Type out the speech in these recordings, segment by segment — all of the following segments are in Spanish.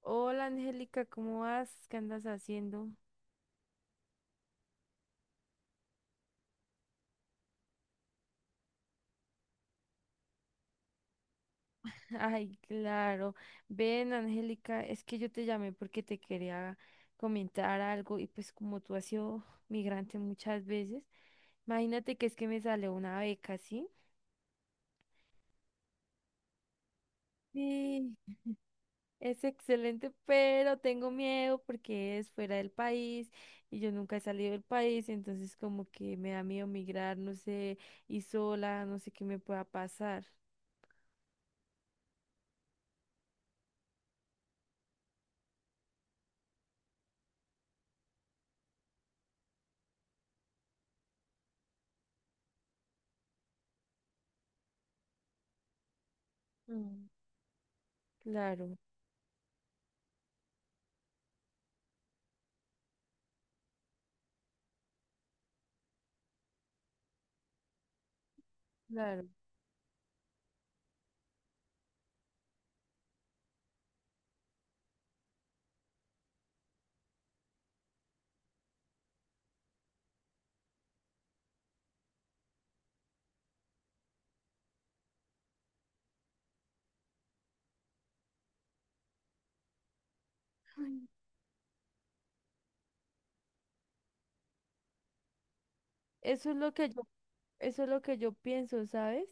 Hola Angélica, ¿cómo vas? ¿Qué andas haciendo? Ay, claro. Ven, Angélica, es que yo te llamé porque te quería comentar algo y pues como tú has sido migrante muchas veces, imagínate que es que me sale una beca, ¿sí? Sí, es excelente, pero tengo miedo porque es fuera del país y yo nunca he salido del país, entonces como que me da miedo migrar, no sé, y sola, no sé qué me pueda pasar. Mm, claro, claro. Eso es lo que yo, eso es lo que yo pienso, ¿sabes?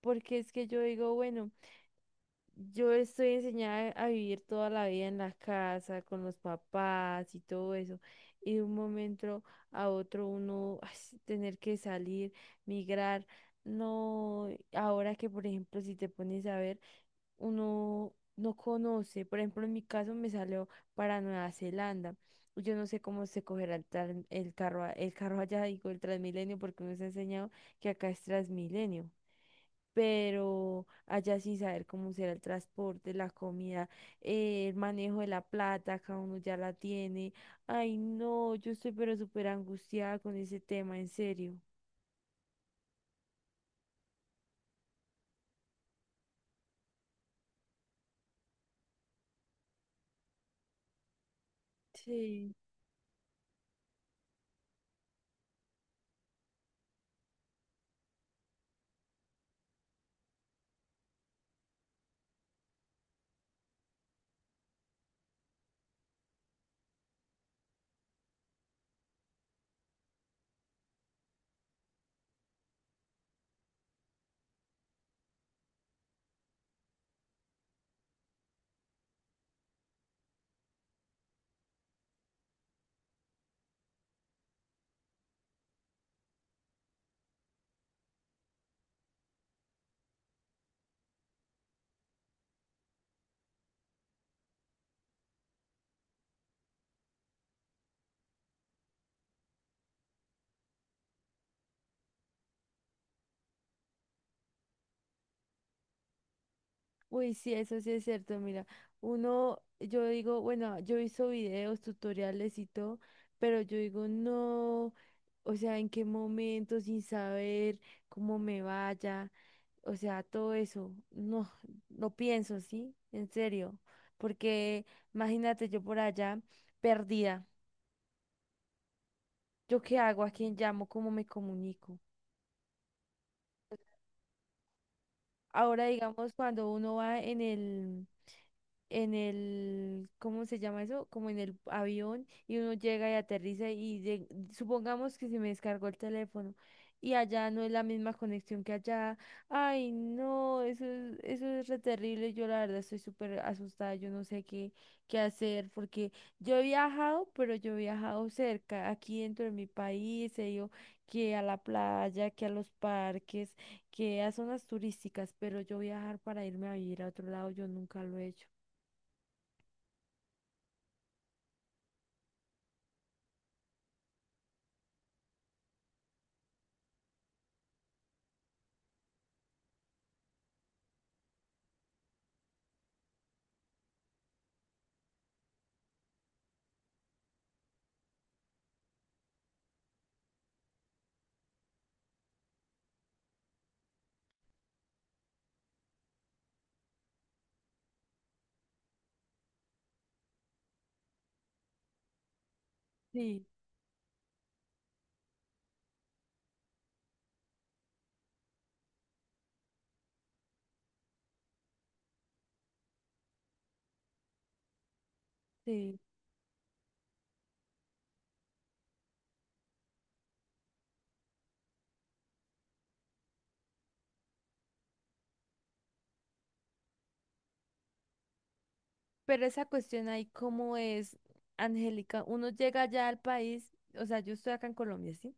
Porque es que yo digo, bueno, yo estoy enseñada a vivir toda la vida en la casa, con los papás y todo eso. Y de un momento a otro uno ay, sí, tener que salir, migrar. No, ahora que por ejemplo, si te pones a ver, uno no conoce. Por ejemplo, en mi caso me salió para Nueva Zelanda. Yo no sé cómo se cogerá el carro, el carro allá, digo, el Transmilenio, porque nos ha enseñado que acá es Transmilenio. Pero allá sin saber cómo será el transporte, la comida, el manejo de la plata, cada uno ya la tiene. Ay, no, yo estoy pero súper angustiada con ese tema, en serio. Sí. Uy, sí, eso sí es cierto, mira, uno, yo digo, bueno, yo he visto videos, tutoriales y todo, pero yo digo, no, o sea, en qué momento, sin saber cómo me vaya, o sea, todo eso, no, no pienso, ¿sí? En serio, porque imagínate yo por allá, perdida, ¿yo qué hago? ¿A quién llamo? ¿Cómo me comunico? Ahora, digamos, cuando uno va en el, ¿cómo se llama eso? Como en el avión y uno llega y aterriza y supongamos que se me descargó el teléfono y allá no es la misma conexión que allá. Ay, no, eso es re terrible. Yo la verdad estoy súper asustada, yo no sé qué hacer porque yo he viajado, pero yo he viajado cerca, aquí dentro de mi país, he ido que a la playa, que a los parques que a zonas turísticas, pero yo viajar para irme a vivir a otro lado, yo nunca lo he hecho. Sí, sí, pero esa cuestión ahí, ¿cómo es, Angélica? Uno llega allá al país, o sea, yo estoy acá en Colombia, ¿sí?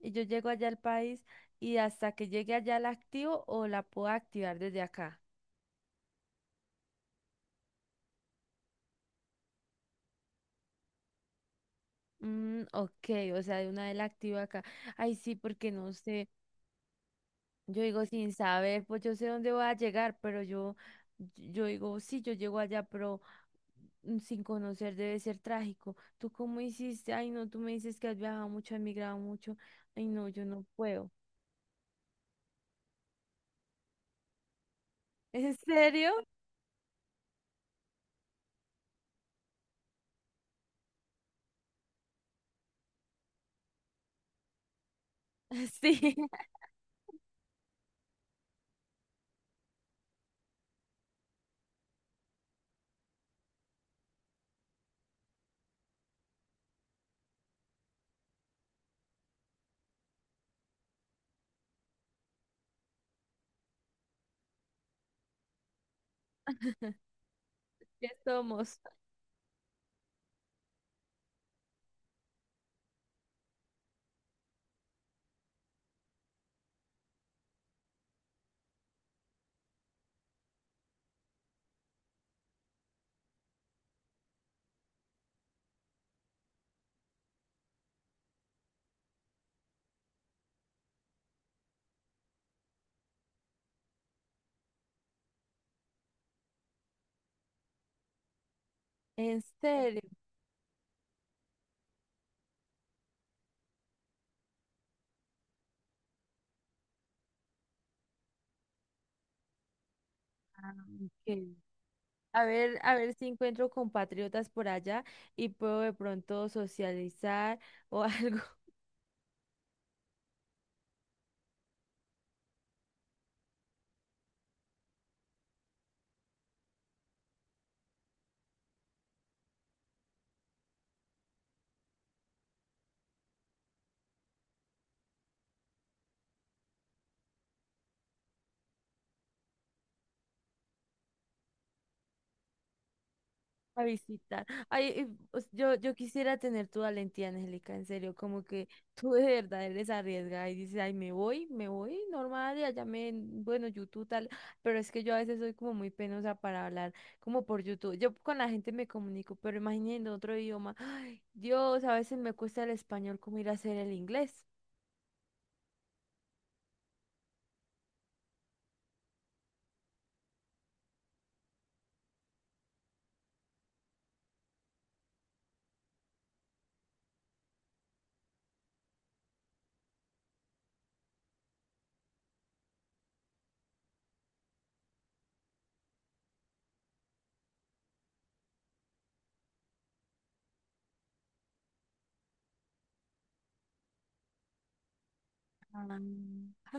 Y yo llego allá al país y hasta que llegue allá la activo o la puedo activar desde acá. Mm, ok, o sea, de una vez la activo acá. Ay, sí, porque no sé, yo digo sin saber, pues yo sé dónde voy a llegar, yo digo, sí, yo llego allá, pero sin conocer debe ser trágico. ¿Tú cómo hiciste? Ay, no, tú me dices que has viajado mucho, has migrado mucho. Ay, no, yo no puedo. ¿En serio? Sí, ya somos. ¿En serio? Ah, ok. A ver si encuentro compatriotas por allá y puedo de pronto socializar o algo. A visitar. Ay, yo quisiera tener tu valentía, Angélica, en serio, como que tú de verdad eres arriesgada y dices, ay, me voy, normal, y allá me, bueno, YouTube tal, pero es que yo a veces soy como muy penosa para hablar, como por YouTube. Yo con la gente me comunico, pero imagínate en otro idioma, ay, Dios, a veces me cuesta el español como ir a hacer el inglés. Ah.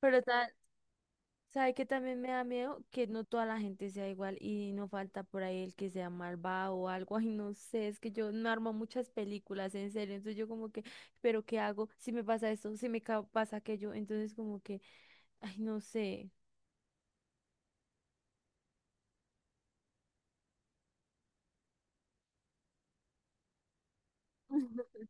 Pero, ta- Sabe que también me da miedo que no toda la gente sea igual y no falta por ahí el que sea malvado o algo. Ay, no sé, es que yo no armo muchas películas, en serio. Entonces yo como que, ¿pero qué hago? Si me pasa esto, si me pasa aquello. Entonces como que, ay, no sé.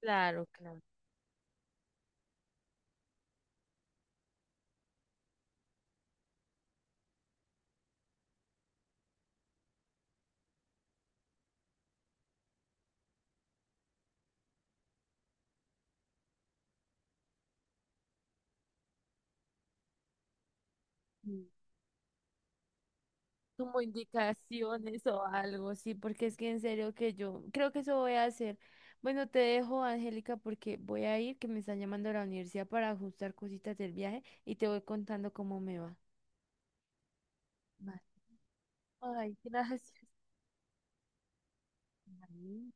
Claro, claro. Mm. Como indicaciones o algo, sí, porque es que en serio que yo creo que eso voy a hacer. Bueno, te dejo, Angélica, porque voy a ir, que me están llamando a la universidad para ajustar cositas del viaje y te voy contando cómo me va. Vale. Ay, gracias. Ay,